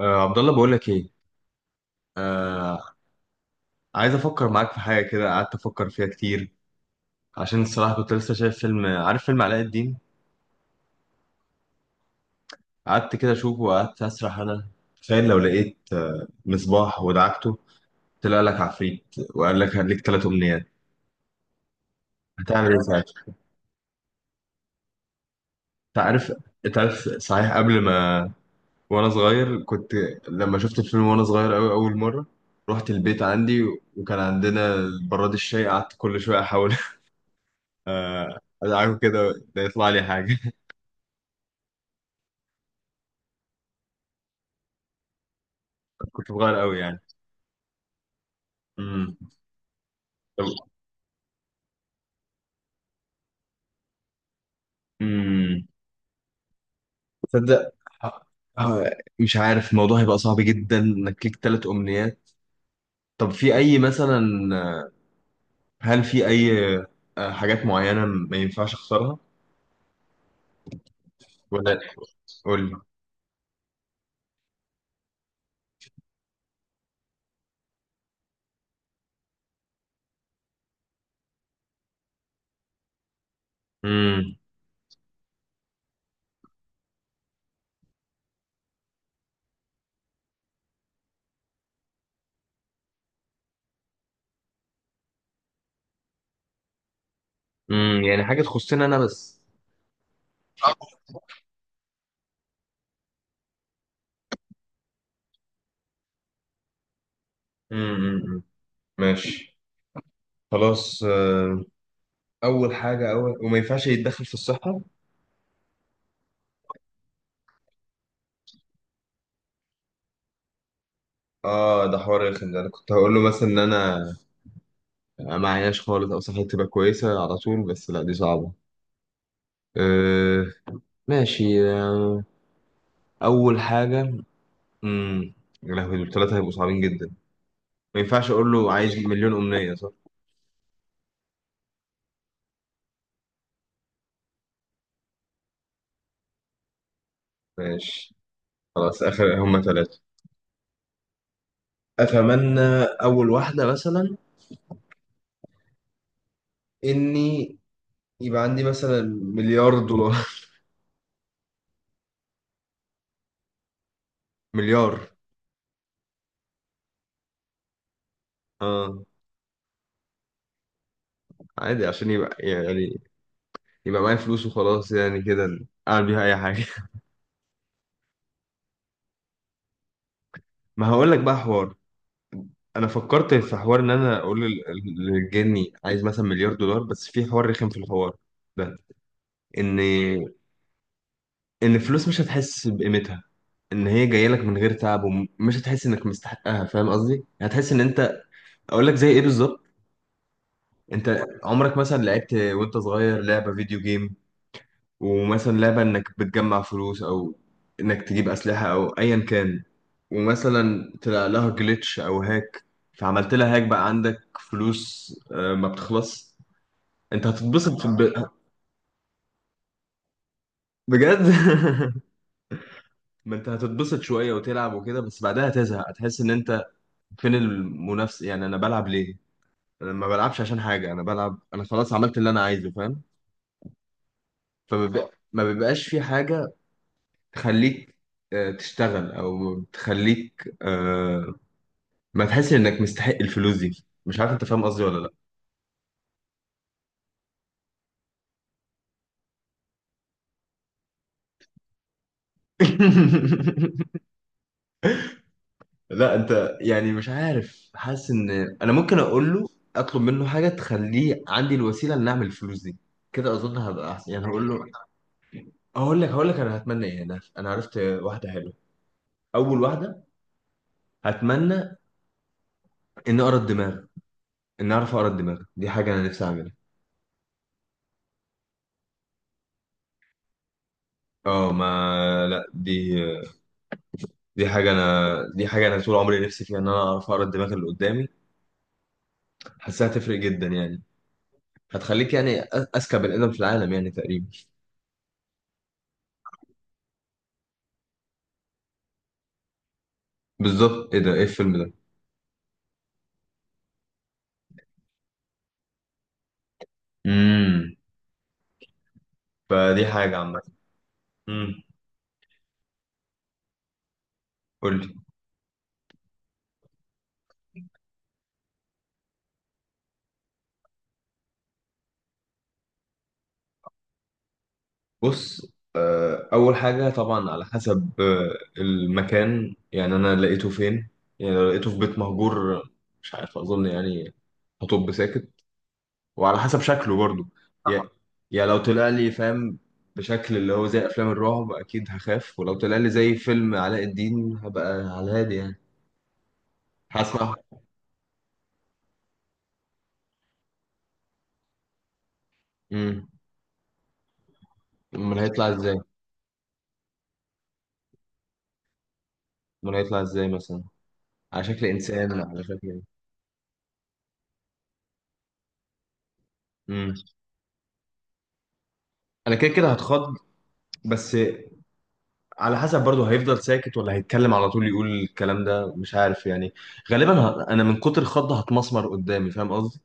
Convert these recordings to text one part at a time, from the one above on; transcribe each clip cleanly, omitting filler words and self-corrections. آه، عبد الله، بقول لك ايه. آه، عايز افكر معاك في حاجه كده. قعدت افكر فيها كتير عشان الصراحه كنت لسه شايف فيلم. عارف فيلم علاء الدين؟ قعدت كده اشوفه وقعدت اسرح انا. تخيل لو لقيت مصباح ودعكته، طلع لك عفريت وقال لك هديك ثلاث امنيات. هتعمل ايه ساعتها؟ انت عارف انت عارف صحيح. قبل ما وانا صغير كنت لما شفت الفيلم وانا صغير قوي اول مره، رحت البيت عندي وكان عندنا براد الشاي، قعدت كل شويه احاول ادعكه كده ده يطلع لي حاجه. كنت صغير قوي يعني. امم. طب، امم تصدق، مش عارف الموضوع هيبقى صعب جدا انك ليك ثلاث امنيات. طب في اي مثلا، آه، هل في اي حاجات معينة ما ينفعش اخسرها، ولا؟ قول لي. امم امم، يعني حاجة تخصني انا بس. أمم، أمم. ماشي، خلاص. اول حاجة اول وما ينفعش يتدخل في الصحة. اه، ده حوار رخم. ده انا كنت هقول له مثلا ان انا ما عيناش خالص او صحتي تبقى كويسة على طول، بس لا دي صعبة. أه. ماشي. أه. أول حاجة. امم. يا لهوي، دول ثلاثة هيبقوا صعبين جدا. ما ينفعش أقول له عايز مليون أمنية، صح؟ ماشي، خلاص. آخر هما ثلاثة. أتمنى أول واحدة مثلا إني يبقى عندي مثلا مليار دولار. مليار، اه. عادي، عشان يبقى يعني يبقى معايا فلوس وخلاص، يعني كده أعمل بيها أي حاجة. ما هقول لك بقى حوار. انا فكرت في حوار ان انا اقول للجني عايز مثلا مليار دولار، بس في حوار رخم في الحوار ده، ان ان الفلوس مش هتحس بقيمتها، ان هي جايه لك من غير تعب، ومش هتحس انك مستحقها. فاهم قصدي؟ هتحس ان انت... اقول لك زي ايه بالظبط. انت عمرك مثلا لعبت وانت صغير لعبه فيديو جيم، ومثلا لعبه انك بتجمع فلوس، او انك تجيب اسلحه او ايا كان، ومثلا طلع لها جلitch او هاك، فعملت لها هاك بقى عندك فلوس ما بتخلص. انت هتتبسط بجد. ما انت هتتبسط شويه وتلعب وكده، بس بعدها هتزهق، هتحس ان انت فين المنافسة، يعني انا بلعب ليه؟ انا ما بلعبش عشان حاجة، انا بلعب... انا خلاص عملت اللي انا عايزه، فاهم؟ ما بيبقاش في حاجة تخليك تشتغل، او تخليك ما تحس انك مستحق الفلوس دي. مش عارف انت فاهم قصدي ولا لا. لا، انت يعني مش عارف، حاسس ان انا ممكن اقول له اطلب منه حاجة تخليه عندي الوسيلة ان اعمل الفلوس دي. كده اظن هبقى احسن. يعني هقول له... هقول لك انا هتمنى ايه. انا عرفت واحدة حلوة. اول واحدة، اتمنى ان اقرا الدماغ. ان اعرف اقرا الدماغ، دي حاجه انا نفسي اعملها. اه، ما لا، دي حاجه انا دي حاجه انا طول عمري نفسي فيها، ان انا اعرف اقرا الدماغ اللي قدامي. حاسها هتفرق جدا يعني، هتخليك يعني اذكى بني ادم في العالم يعني تقريبا. بالظبط، ايه ده؟ ايه الفيلم ده؟ امم. فدي حاجه عامه. امم. قول لي. بص، اول حاجه طبعا على حسب المكان، يعني انا لقيته فين. يعني لو لقيته في بيت مهجور مش عارف، اظن يعني هطب ساكت، وعلى حسب شكله برضه. يا طبعا. يا لو طلع لي فاهم بشكل اللي هو زي افلام الرعب، اكيد هخاف. ولو طلع لي زي فيلم علاء الدين هبقى على الهادي يعني، هسمع. امم. امال هيطلع ازاي؟ امال هيطلع ازاي مثلا؟ على شكل انسان ولا على شكل ايه؟ امم. انا كده كده هتخض. بس على حسب برضه، هيفضل ساكت ولا هيتكلم على طول يقول الكلام ده، مش عارف يعني. غالبا انا من كتر الخض هتمسمر قدامي، فاهم قصدي؟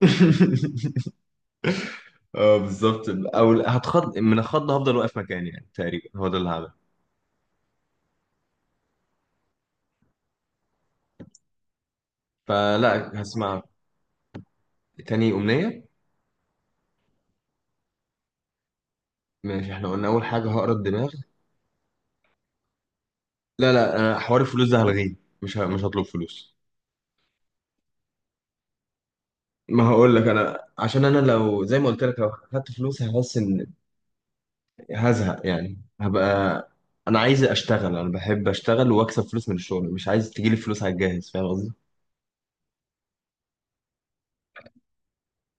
اه بالظبط، او هتخض من الخض هفضل واقف مكاني، يعني تقريبا هو ده اللي هعمله. فلا هسمع. تاني امنيه. ماشي، احنا قلنا اول حاجه هقرا الدماغ. لا لا، أنا حوار الفلوس ده هلغيه. مش هطلب فلوس. ما هقول لك، انا عشان انا لو زي ما قلت لك لو خدت فلوس هحس ان... هزهق، يعني هبقى... انا عايز اشتغل، انا بحب اشتغل واكسب فلوس من الشغل، مش عايز تجيلي فلوس على الجاهز، فاهم قصدي؟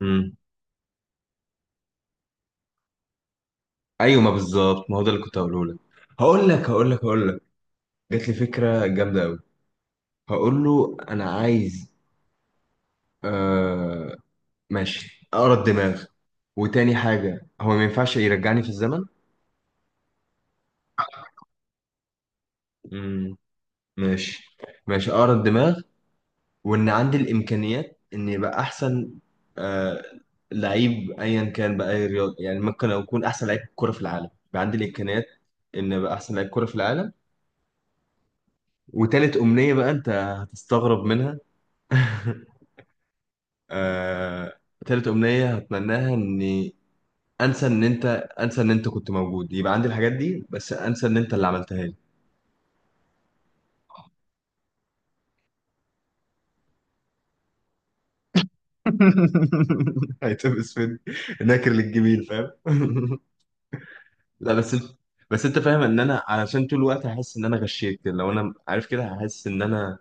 امم. ايوه، ما بالظبط، ما هو ده اللي كنت هقوله لك. هقول لك جات لي فكره جامده قوي. هقول له انا عايز آه ماشي اقرا الدماغ. وتاني حاجه هو ما ينفعش يرجعني في الزمن. مم. ماشي. ماشي اقرا الدماغ، وان عندي الامكانيات اني يبقى احسن آه لعيب ايا كان، باي رياضه، يعني ممكن اكون احسن لعيب كره في العالم، يبقى عندي الامكانيات ان ابقى احسن لعيب كره في العالم. وتالت امنيه بقى انت هتستغرب منها. آه، تالت أمنية هتمناها إني انسى ان انت... انسى ان انت كنت موجود. يبقى عندي الحاجات دي، بس انسى ان انت اللي عملتها لي. هيتبس فين، ناكر للجميل، فاهم؟ لا، بس انت فاهم ان انا، علشان طول الوقت هحس ان انا غشيت كده، لو انا عارف كده هحس ان انا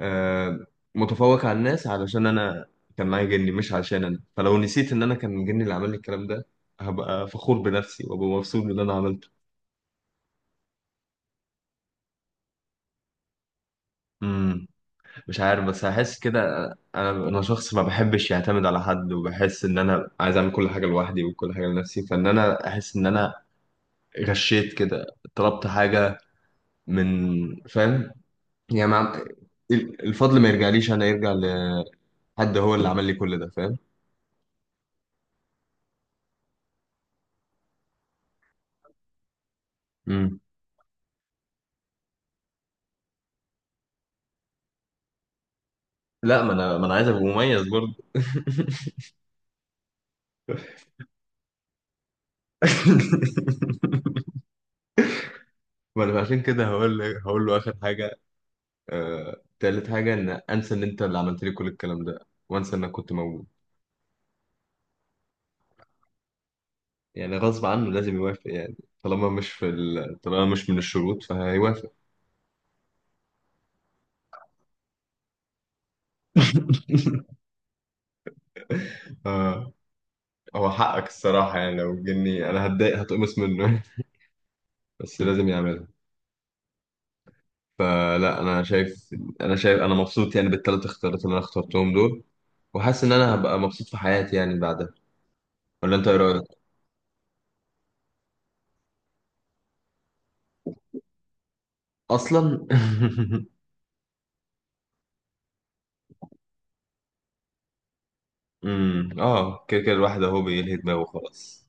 آه، متفوق على الناس علشان انا كان معايا جني، مش عشان انا. فلو نسيت ان انا كان جني اللي عمل لي الكلام ده، هبقى فخور بنفسي وابقى مبسوط باللي انا عملته. مش عارف، بس هحس كده. انا شخص ما بحبش يعتمد على حد، وبحس ان انا عايز اعمل كل حاجه لوحدي وكل حاجه لنفسي، فان انا احس ان انا غشيت كده، طلبت حاجه من... فاهم؟ يعني الفضل ما يرجعليش انا، يرجع لحد هو اللي عمل لي كل ده، فاهم؟ مم. لا، ما انا عايز ابقى مميز برضه. ما انا عشان كده هقول له اخر حاجه تالت حاجه، ان انسى ان انت اللي عملت لي كل الكلام ده، وانسى انك كنت موجود. يعني غصب عنه لازم يوافق، يعني طالما مش طالما مش من الشروط فهيوافق. آه هو حقك الصراحة، يعني لو جني أنا هتضايق هتقمص منه. بس لازم يعملها. فلا، أنا شايف أنا مبسوط يعني بالثلاث اختيارات اللي أنا اخترتهم دول، وحاسس إن أنا هبقى مبسوط في حياتي يعني بعدها. ولا أنت إيه رأيك؟ أصلا. أمم. كده كده الواحد أهو بيلهي دماغه، خلاص.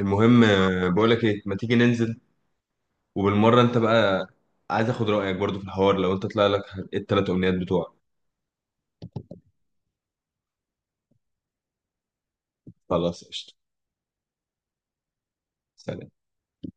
المهم، بقولك إيه، ما تيجي ننزل وبالمرة انت بقى، عايز اخد رأيك برضو في الحوار لو انت طلع لك التلات امنيات بتوعك. خلاص، قشطة. سلام.